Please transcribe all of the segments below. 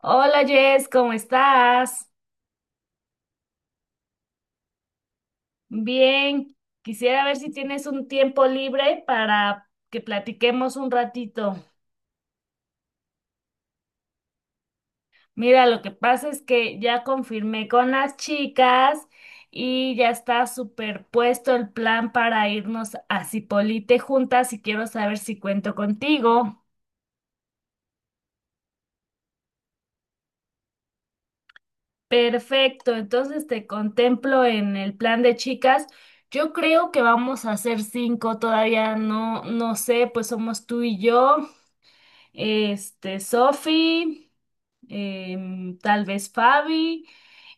Hola Jess, ¿cómo estás? Bien, quisiera ver si tienes un tiempo libre para que platiquemos un ratito. Mira, lo que pasa es que ya confirmé con las chicas y ya está superpuesto el plan para irnos a Cipolite juntas y quiero saber si cuento contigo. Perfecto, entonces te contemplo en el plan de chicas. Yo creo que vamos a hacer cinco, todavía no, no sé, pues somos tú y yo. Este, Sophie, tal vez Fabi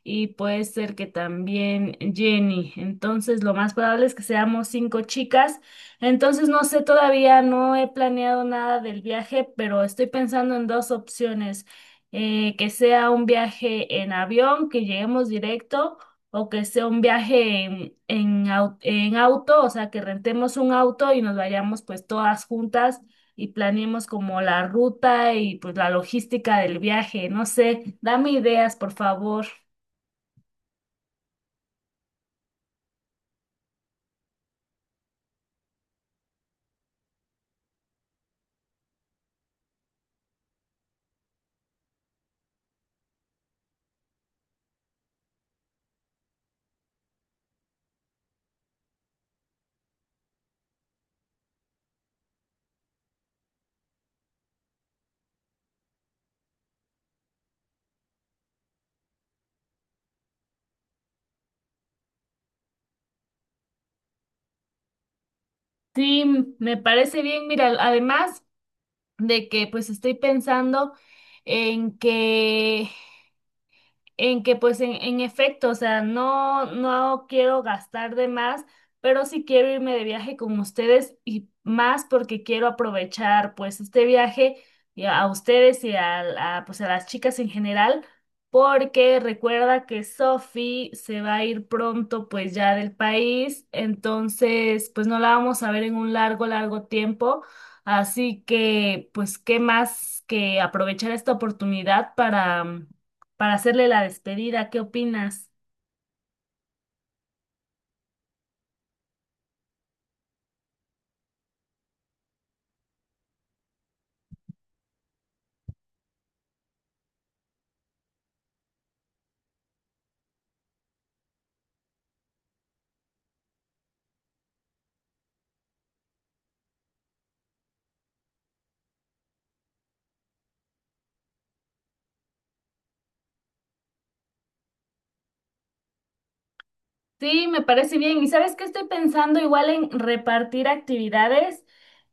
y puede ser que también Jenny. Entonces, lo más probable es que seamos cinco chicas. Entonces, no sé, todavía no he planeado nada del viaje, pero estoy pensando en dos opciones. Que sea un viaje en avión, que lleguemos directo, o que sea un viaje en auto, o sea, que rentemos un auto y nos vayamos pues todas juntas y planeemos como la ruta y pues la logística del viaje. No sé, dame ideas, por favor. Sí, me parece bien. Mira, además de que pues estoy pensando en que pues en efecto, o sea, no, no quiero gastar de más, pero sí quiero irme de viaje con ustedes y más porque quiero aprovechar pues este viaje y a ustedes y pues a las chicas en general, porque recuerda que Sophie se va a ir pronto pues ya del país, entonces pues no la vamos a ver en un largo, largo tiempo. Así que, pues, ¿qué más que aprovechar esta oportunidad para, hacerle la despedida. ¿Qué opinas? Sí, me parece bien. ¿Y sabes qué estoy pensando? Igual en repartir actividades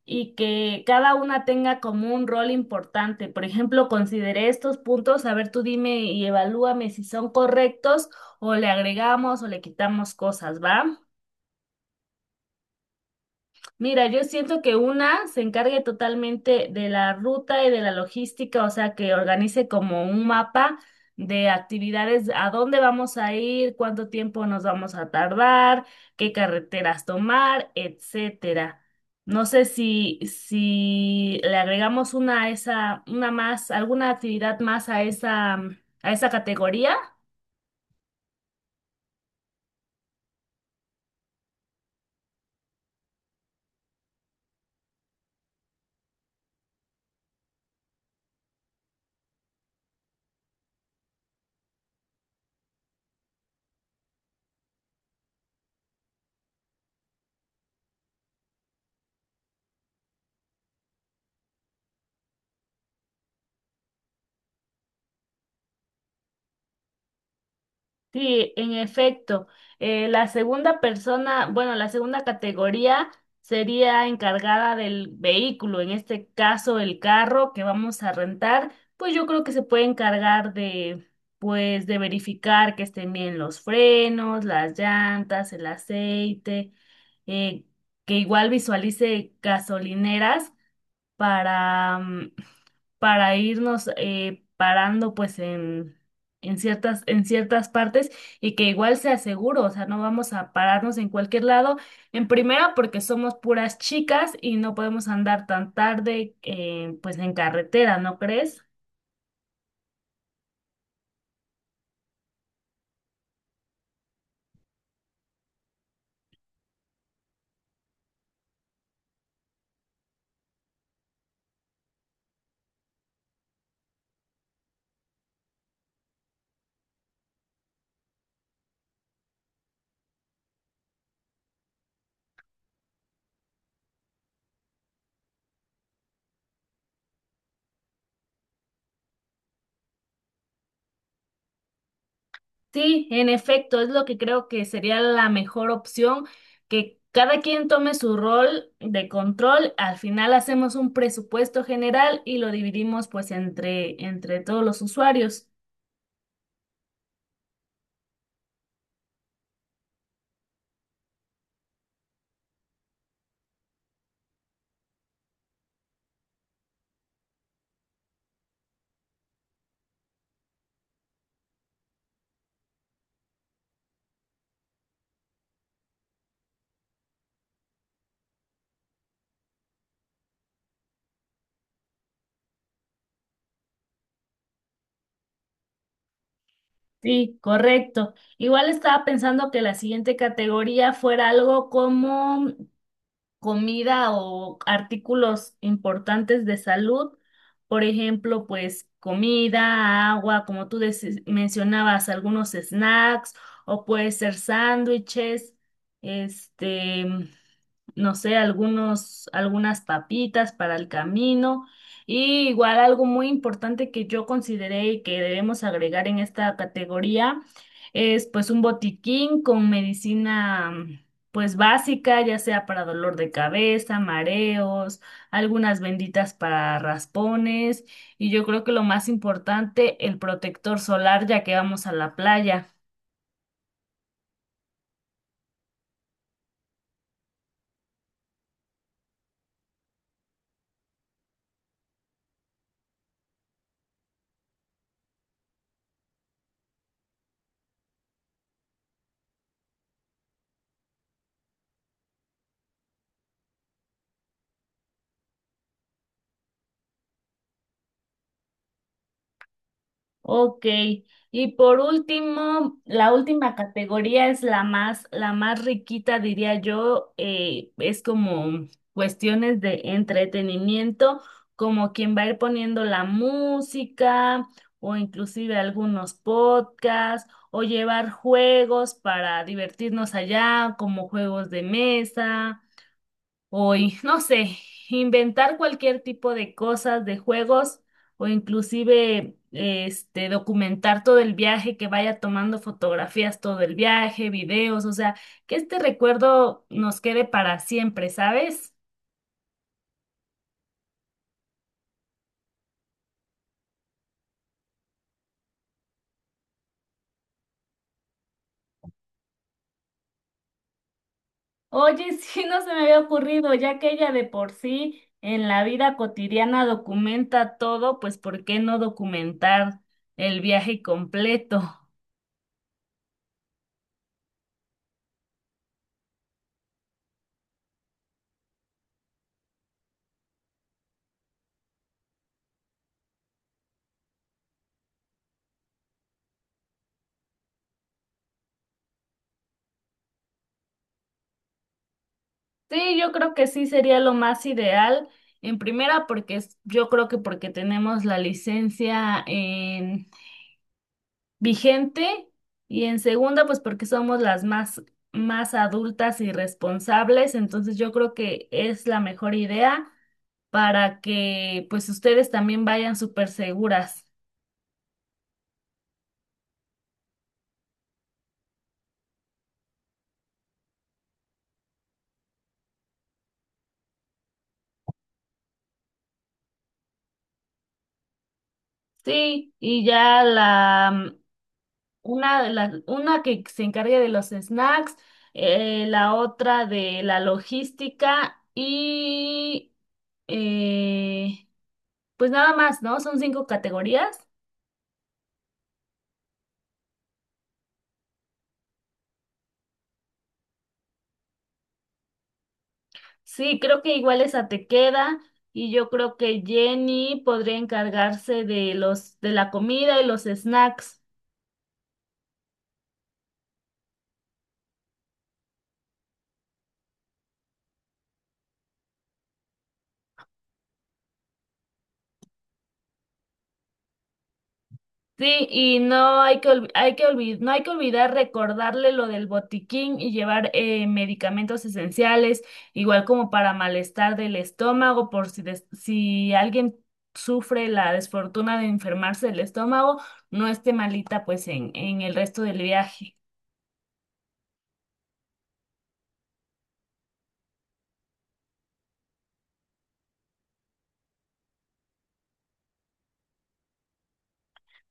y que cada una tenga como un rol importante. Por ejemplo, consideré estos puntos. A ver, tú dime y evalúame si son correctos o le agregamos o le quitamos cosas, ¿va? Mira, yo siento que una se encargue totalmente de la ruta y de la logística, o sea, que organice como un mapa de actividades, a dónde vamos a ir, cuánto tiempo nos vamos a tardar, qué carreteras tomar, etcétera. No sé si le agregamos una a esa, una más, alguna actividad más a esa categoría. Sí, en efecto. La segunda persona, bueno, la segunda categoría sería encargada del vehículo, en este caso el carro que vamos a rentar, pues yo creo que se puede encargar de, pues, de verificar que estén bien los frenos, las llantas, el aceite, eh, que igual visualice gasolineras para, mm, para irnos parando pues en ciertas partes y que igual sea seguro, o sea, no vamos a pararnos en cualquier lado. En primera, porque somos puras chicas y no podemos andar tan tarde pues en carretera, ¿no crees? Sí, en efecto, es lo que creo que sería la mejor opción, que cada quien tome su rol de control, al final hacemos un presupuesto general y lo dividimos pues entre todos los usuarios. Sí, correcto. Igual estaba pensando que la siguiente categoría fuera algo como comida o artículos importantes de salud, por ejemplo, pues comida, agua, como tú mencionabas, algunos snacks o puede ser sándwiches, este, no sé, algunos, algunas papitas para el camino. Y igual algo muy importante que yo consideré y que debemos agregar en esta categoría es pues un botiquín con medicina pues básica, ya sea para dolor de cabeza, mareos, algunas benditas para raspones y yo creo que lo más importante, el protector solar ya que vamos a la playa. Ok, y por último, la última categoría es la más riquita, diría yo, es como cuestiones de entretenimiento, como quien va a ir poniendo la música o inclusive algunos podcasts o llevar juegos para divertirnos allá, como juegos de mesa. Hoy, no sé, inventar cualquier tipo de cosas, de juegos o inclusive este documentar todo el viaje, que vaya tomando fotografías todo el viaje, videos, o sea, que este recuerdo nos quede para siempre, ¿sabes? Oye, sí, no se me había ocurrido, ya que ella de por sí en la vida cotidiana documenta todo, pues ¿por qué no documentar el viaje completo? Sí, yo creo que sí sería lo más ideal. En primera, porque yo creo que porque tenemos la licencia en vigente y en segunda, pues porque somos las más adultas y responsables. Entonces, yo creo que es la mejor idea para que pues ustedes también vayan súper seguras. Sí, y ya la Una, de las- una que se encargue de los snacks, la otra de la logística y eh, pues nada más, ¿no? Son cinco categorías. Sí, creo que igual esa te queda y yo creo que Jenny podría encargarse de los de la comida y los snacks. Sí, y no hay que, olvi- hay que olvi- no hay que olvidar recordarle lo del botiquín y llevar medicamentos esenciales, igual como para malestar del estómago, por si, si alguien sufre la desfortuna de enfermarse del estómago, no esté malita pues en el resto del viaje.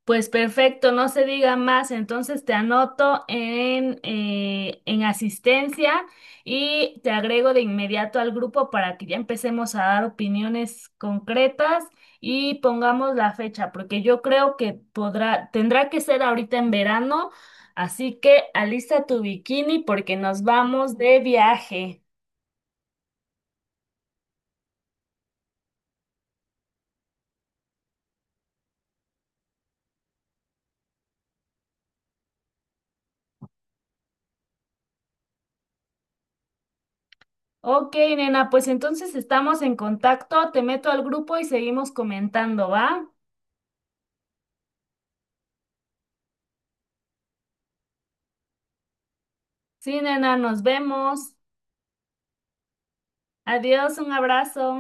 Pues perfecto, no se diga más. Entonces te anoto en asistencia y te agrego de inmediato al grupo para que ya empecemos a dar opiniones concretas y pongamos la fecha, porque yo creo que tendrá que ser ahorita en verano, así que alista tu bikini porque nos vamos de viaje. Ok, nena, pues entonces estamos en contacto, te meto al grupo y seguimos comentando, ¿va? Sí, nena, nos vemos. Adiós, un abrazo.